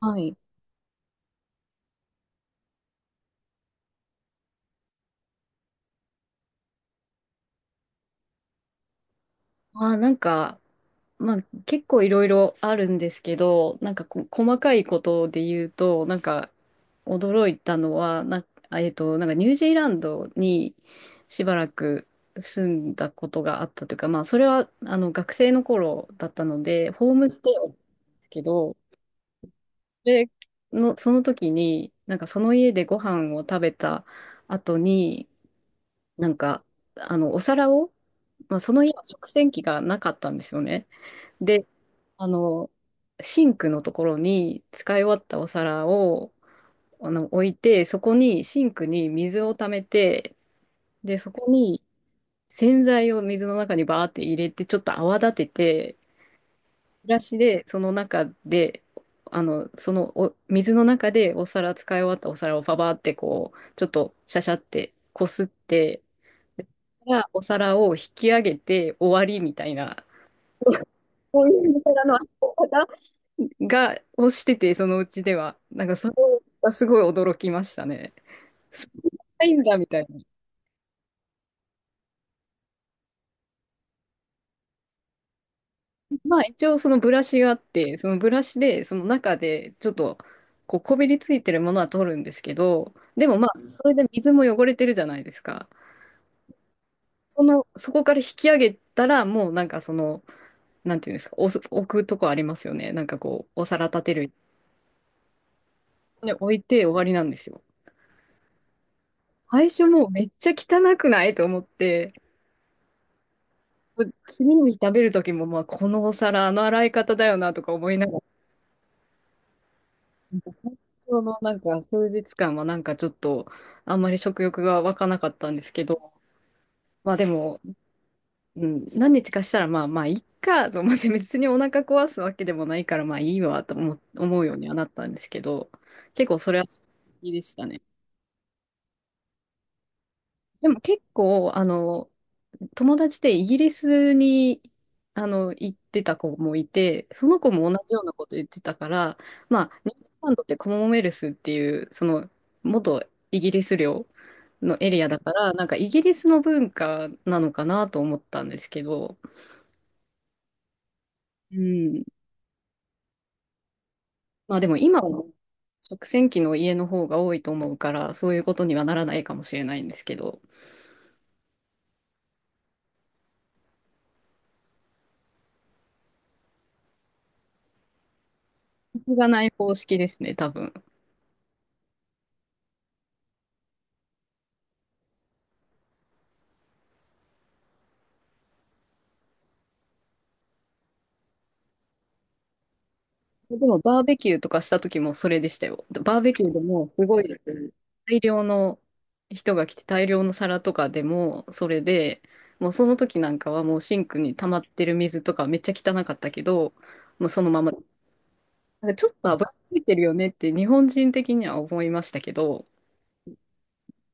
はい。なんか、まあ結構いろいろあるんですけど、なんか細かいことで言うと、なんか驚いたのは、な、あえっと、なんかニュージーランドにしばらく住んだことがあったというか、まあそれはあの学生の頃だったので、ホームステイをですけど、で、その時に、なんかその家でご飯を食べた後に、なんか、お皿を、まあ、その家は食洗機がなかったんですよね。で、あの、シンクのところに使い終わったお皿を、置いて、そこに、シンクに水を溜めて、で、そこに洗剤を水の中にバーって入れて、ちょっと泡立てて、ブラシで、その中で、そのお、水の中でお皿、使い終わったお皿をパパーってこう、ちょっとシャシャってこすって、がお皿を引き上げて終わりみたいな、こういうお皿の運び方をしてて、そのうちでは。なんかそれがすごい驚きましたね。そんなないんだみたいな。まあ一応そのブラシがあって、そのブラシでその中でちょっとこうこびりついてるものは取るんですけど、でもまあそれで水も汚れてるじゃないですか。その、そこから引き上げたらもうなんかその、なんていうんですか、置くとこありますよね。なんかこう、お皿立てるに置いて終わりなんですよ。最初もうめっちゃ汚くないと思って、次の日食べる時もまあこのお皿、あの洗い方だよなとか思いながら、そのなんか数日間はなんかちょっとあんまり食欲が湧かなかったんですけど、まあでも、うん、何日かしたらまあまあいっかと思って別にお腹壊すわけでもないからまあいいわと思うようにはなったんですけど、結構それは好きでしたね。でも結構あの友達でイギリスにあの行ってた子もいて、その子も同じようなこと言ってたから、まあ、ニュージーランドってコモンウェルスっていう、その元イギリス領のエリアだから、なんかイギリスの文化なのかなと思ったんですけど、うん。まあでも今はね食洗機の家の方が多いと思うから、そういうことにはならないかもしれないんですけど、そこがない方式ですね、多分。でもバーベキューとかした時もそれでしたよ。バーベキューでもすごい大量の人が来て大量の皿とかでもそれで、もうその時なんかはもうシンクに溜まってる水とかめっちゃ汚かったけど、もうそのまま、なんかちょっと油ついてるよねって日本人的には思いましたけど、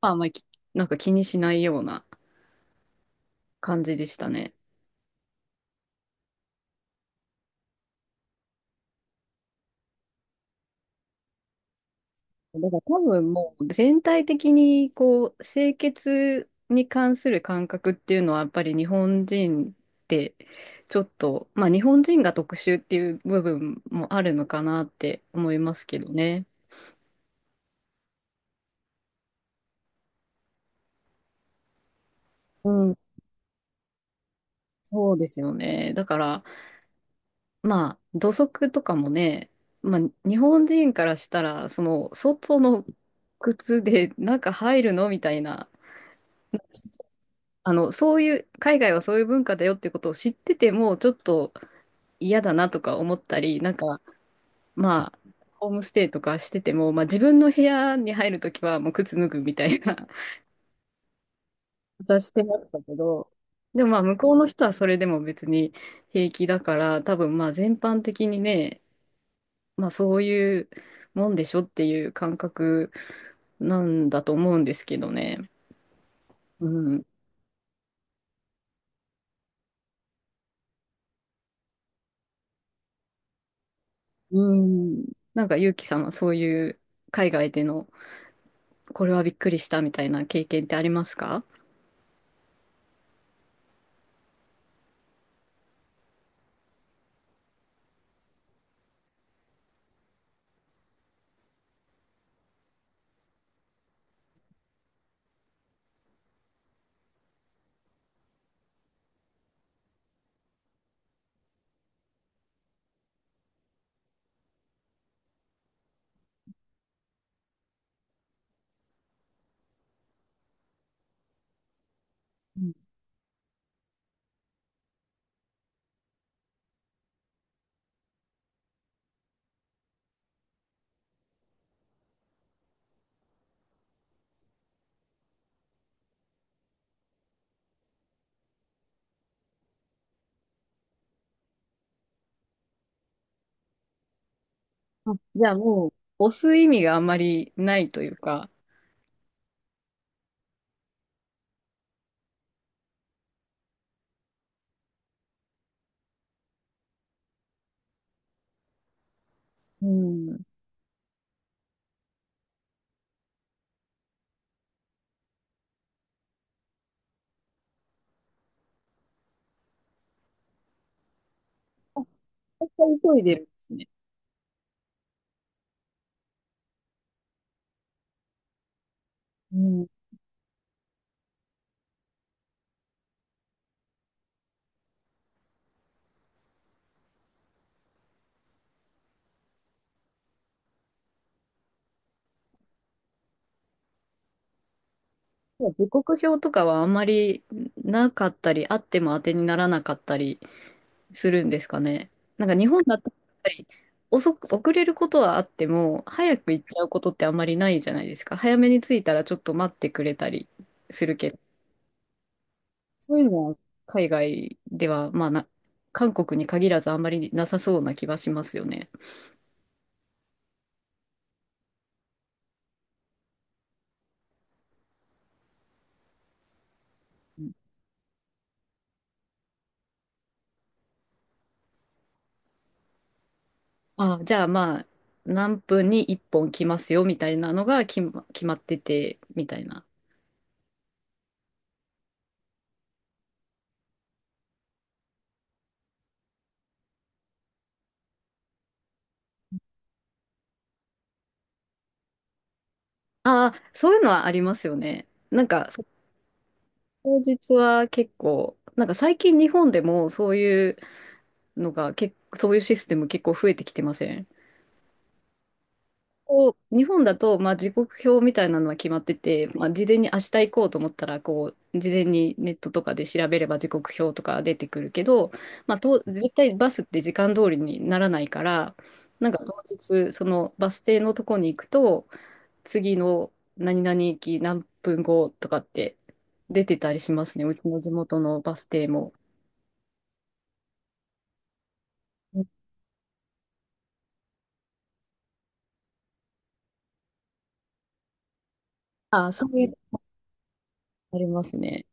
まああんまりなんか気にしないような感じでしたね。だから多分もう全体的にこう清潔に関する感覚っていうのはやっぱり日本人ってちょっとまあ日本人が特殊っていう部分もあるのかなって思いますけどね。うん、そうですよね。だからまあ土足とかもね、まあ日本人からしたらその外の靴で中入るのみたいな、あのそういう海外はそういう文化だよってことを知っててもちょっと嫌だなとか思ったり、なんか、まあ、ホームステイとかしてても、まあ自分の部屋に入るときはもう靴脱ぐみたいな ことはしてましたけど、でもまあ向こうの人はそれでも別に平気だから、多分まあ全般的にね、まあそういうもんでしょっていう感覚なんだと思うんですけどね。うん。うん。なんかゆうきさんはそういう海外でのこれはびっくりしたみたいな経験ってありますか？あ、じゃあもう、押す意味があんまりないというか、うん。絶対急いでるんですね。うん。時刻表とかはあんまりなかったり、あっても当てにならなかったりするんですかね。なんか日本だったらやっぱり遅れることはあっても、早く行っちゃうことってあんまりないじゃないですか。早めに着いたらちょっと待ってくれたりするけど、そういうのは海外では、まあな、韓国に限らずあんまりなさそうな気はしますよね。あ、じゃあまあ、何分に1本来ますよみたいなのが決まってて、みたいな。ああ、そういうのはありますよね。なんか、当日は結構、なんか最近日本でもそういうのが結構、そういうシステム結構増えてきてませんこう、日本だと、まあ、時刻表みたいなのは決まってて、まあ、事前に明日行こうと思ったら、こう、事前にネットとかで調べれば時刻表とか出てくるけど、まあ、絶対バスって時間通りにならないから、なんか当日、そのバス停のとこに行くと、次の何々駅何分後とかって出てたりしますね。うちの地元のバス停も。ああ、そういうのありますね。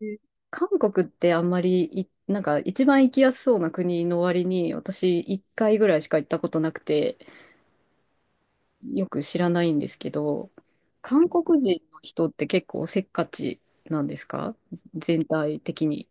で韓国ってあんまりなんか一番行きやすそうな国の割に、私一回ぐらいしか行ったことなくて、よく知らないんですけど、韓国人の人って結構せっかちなんですか全体的に？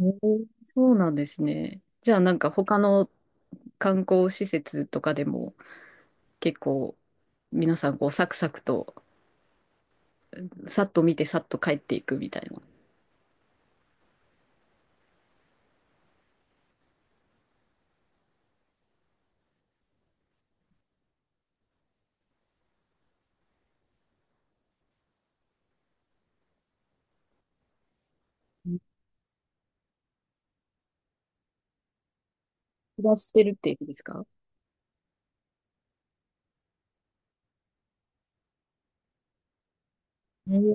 えー、そうなんですね。じゃあなんか他の観光施設とかでも結構皆さんこうサクサクと、さっと見てさっと帰っていくみたいな。暮らしてるっていうことですか？えー、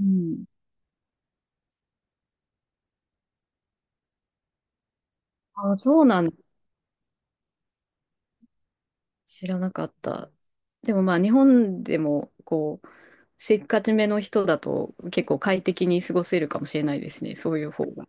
うん。あ、そうなんです、知らなかった。でもまあ日本でもこうせっかちめの人だと結構快適に過ごせるかもしれないですね。そういう方が。